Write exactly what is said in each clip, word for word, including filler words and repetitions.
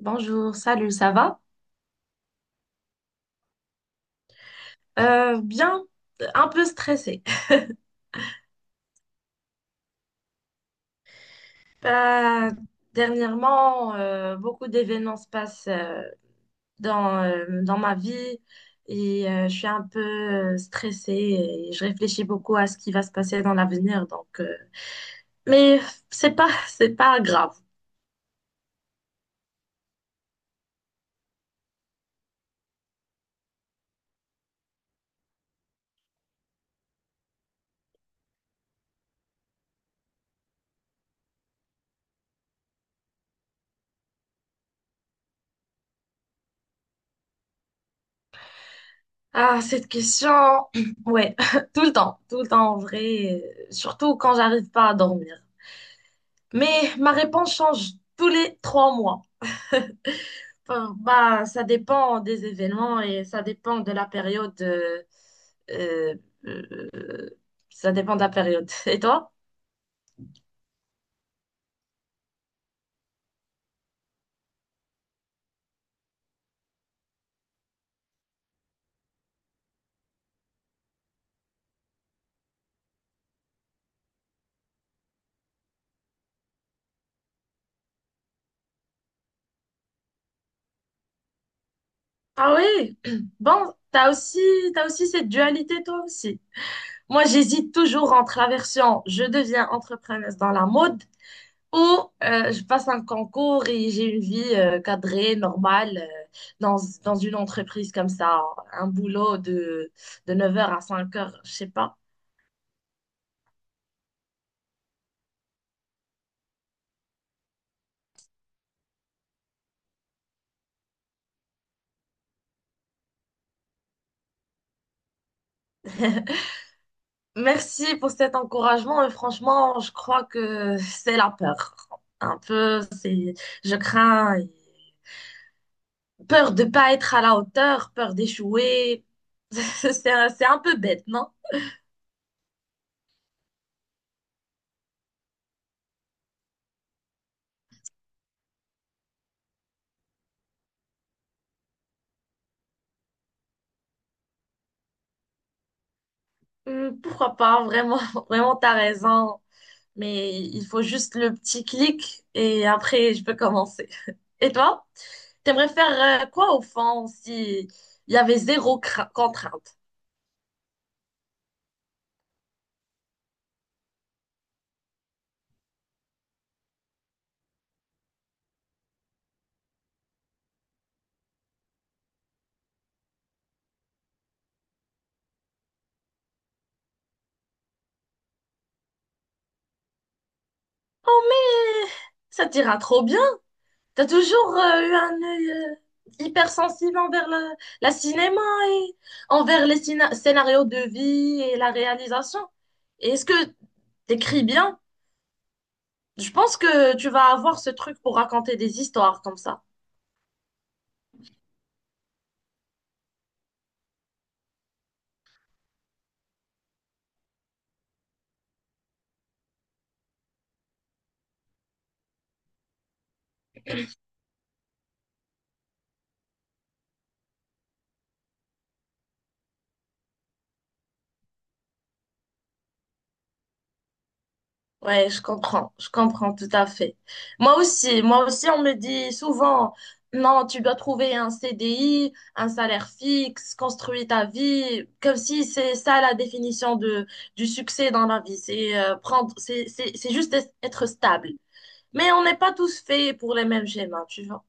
Bonjour, salut, ça va? Euh, bien, un peu stressée. Euh, Dernièrement, euh, beaucoup d'événements se passent euh, dans, euh, dans ma vie et euh, je suis un peu euh, stressée et je réfléchis beaucoup à ce qui va se passer dans l'avenir. Donc, euh, mais c'est pas, c'est pas grave. Ah, cette question, ouais, tout le temps, tout le temps en vrai, euh, surtout quand j'arrive pas à dormir. Mais ma réponse change tous les trois mois. Enfin, bah, ça dépend des événements et ça dépend de la période. euh, euh, euh, Ça dépend de la période. Et toi? Ah oui. Bon, t'as aussi, t'as aussi cette dualité toi aussi. Moi, j'hésite toujours entre la version je deviens entrepreneuse dans la mode ou euh, je passe un concours et j'ai une vie euh, cadrée, normale, euh, dans, dans une entreprise comme ça, un boulot de, de neuf heures à cinq heures, je sais pas. Merci pour cet encouragement. Et franchement, je crois que c'est la peur. Un peu, c'est, je crains peur de pas être à la hauteur, peur d'échouer. C'est un, c'est un peu bête, non? Hum, Pourquoi pas? Vraiment, vraiment, t'as raison. Mais il faut juste le petit clic et après, je peux commencer. Et toi? T'aimerais faire euh, quoi au fond si il y avait zéro cra- contrainte? Oh, mais ça t'ira trop bien. T'as toujours euh, eu un œil euh, hypersensible envers la, la cinéma et envers les cina- scénarios de vie et la réalisation. Et est-ce que t'écris bien? Je pense que tu vas avoir ce truc pour raconter des histoires comme ça. Ouais, je comprends, je comprends tout à fait. Moi aussi, moi aussi, on me dit souvent, non, tu dois trouver un C D I, un salaire fixe, construire ta vie, comme si c'est ça la définition de, du succès dans la vie. C'est euh, prendre, c'est, c'est, c'est juste être stable. Mais on n'est pas tous faits pour les mêmes schémas, tu vois.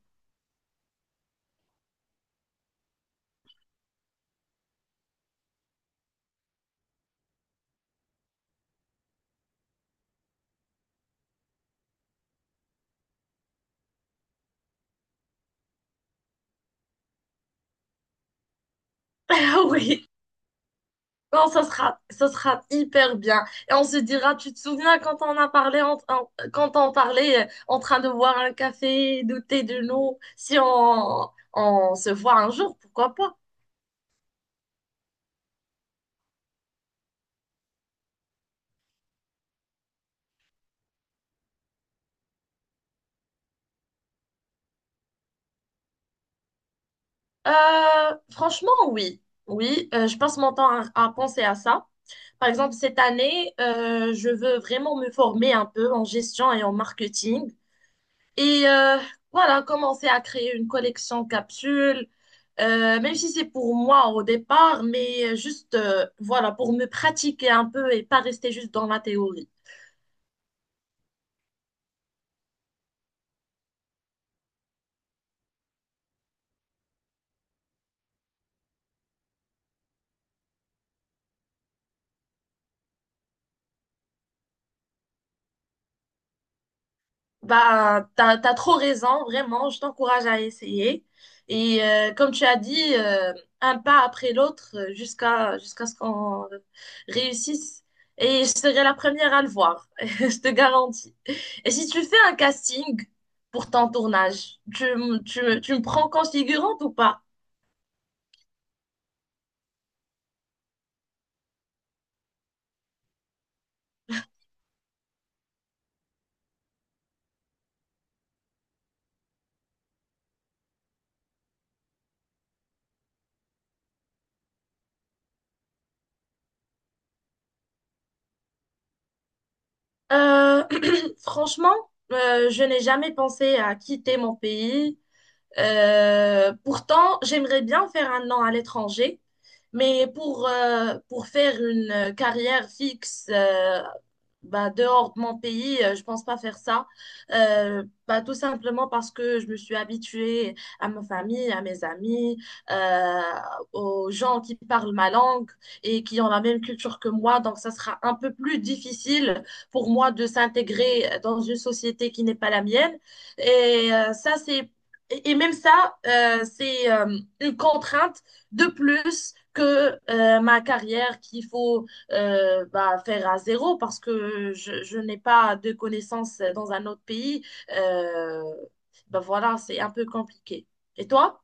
Oui. Non, ça sera, ça sera hyper bien. Et on se dira, tu te souviens quand on a parlé, en, en- quand on parlait euh, en train de boire un café, douter de nous, si on, on se voit un jour, pourquoi pas? Euh, franchement, oui. Oui, euh, je passe mon temps à, à penser à ça. Par exemple, cette année, euh, je veux vraiment me former un peu en gestion et en marketing. Et euh, voilà, commencer à créer une collection capsule, euh, même si c'est pour moi au départ, mais juste euh, voilà, pour me pratiquer un peu et pas rester juste dans la théorie. Bah, t'as, t'as trop raison, vraiment, je t'encourage à essayer. Et euh, comme tu as dit, euh, un pas après l'autre euh, jusqu'à jusqu'à ce qu'on réussisse. Et je serai la première à le voir, je te garantis. Et si tu fais un casting pour ton tournage, tu, m- tu, me- tu me prends configurante ou pas? Euh, Franchement, euh, je n'ai jamais pensé à quitter mon pays. Euh, pourtant, j'aimerais bien faire un an à l'étranger, mais pour, euh, pour faire une euh, carrière fixe euh, bah, dehors de mon pays, euh, je pense pas faire ça. Euh, bah, tout simplement parce que je me suis habituée à ma famille, à mes amis, euh, aux gens qui parlent ma langue et qui ont la même culture que moi. Donc, ça sera un peu plus difficile pour moi de s'intégrer dans une société qui n'est pas la mienne. Et euh, ça, c'est... Et et même ça, euh, c'est euh, une contrainte de plus que euh, ma carrière qu'il faut euh, bah, faire à zéro parce que je, je n'ai pas de connaissances dans un autre pays. Euh, Bah, voilà, c'est un peu compliqué. Et toi?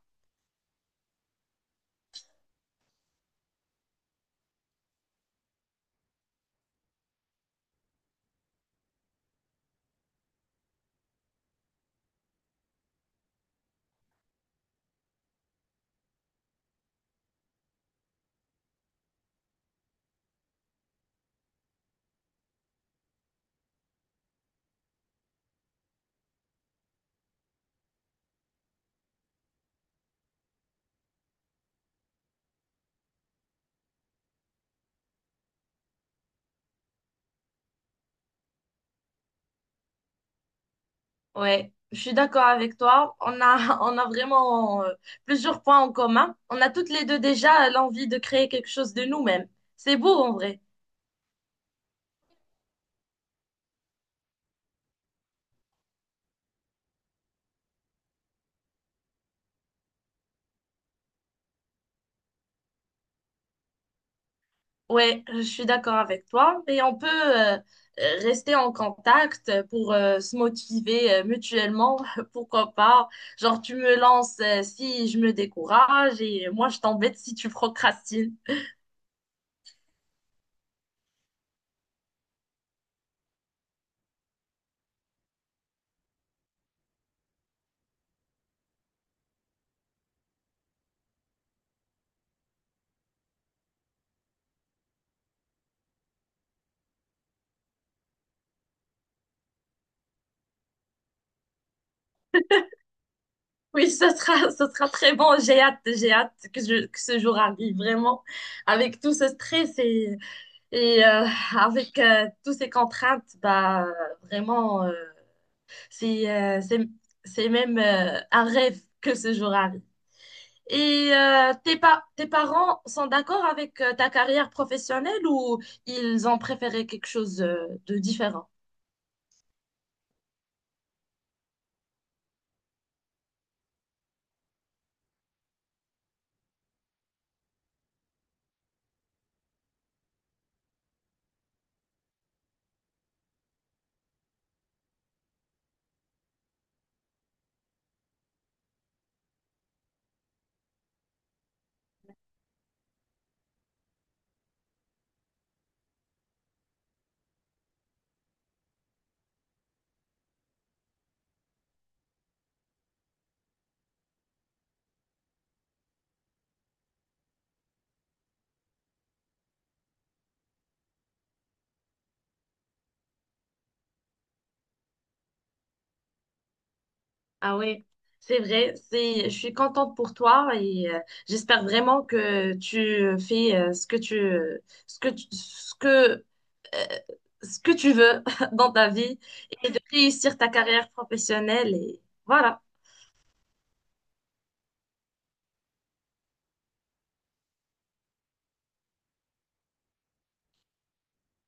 Ouais, je suis d'accord avec toi. On a, on a vraiment euh, plusieurs points en commun. On a toutes les deux déjà l'envie de créer quelque chose de nous-mêmes. C'est beau en vrai. Ouais, je suis d'accord avec toi. Et on peut euh, euh, rester en contact pour euh, se motiver euh, mutuellement, pourquoi pas. Genre, tu me lances euh, si je me décourage et moi, je t'embête si tu procrastines. Oui, ce sera, ce sera très bon. J'ai hâte, j'ai hâte que, je, que ce jour arrive, vraiment. Avec tout ce stress et, et euh, avec euh, toutes ces contraintes, bah, vraiment, euh, c'est, euh, c'est, c'est même euh, un rêve que ce jour arrive. Et euh, tes pa- tes parents sont d'accord avec euh, ta carrière professionnelle ou ils ont préféré quelque chose euh, de différent? Ah oui, c'est vrai, c'est, je suis contente pour toi et euh, j'espère vraiment que tu fais euh, ce que tu, ce que tu- ce que, euh, ce que tu veux dans ta vie et de réussir ta carrière professionnelle et voilà.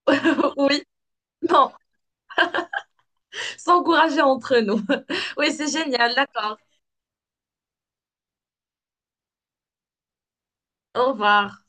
Oui, non, s'encourager entre nous. Oui, c'est génial, d'accord. Au revoir.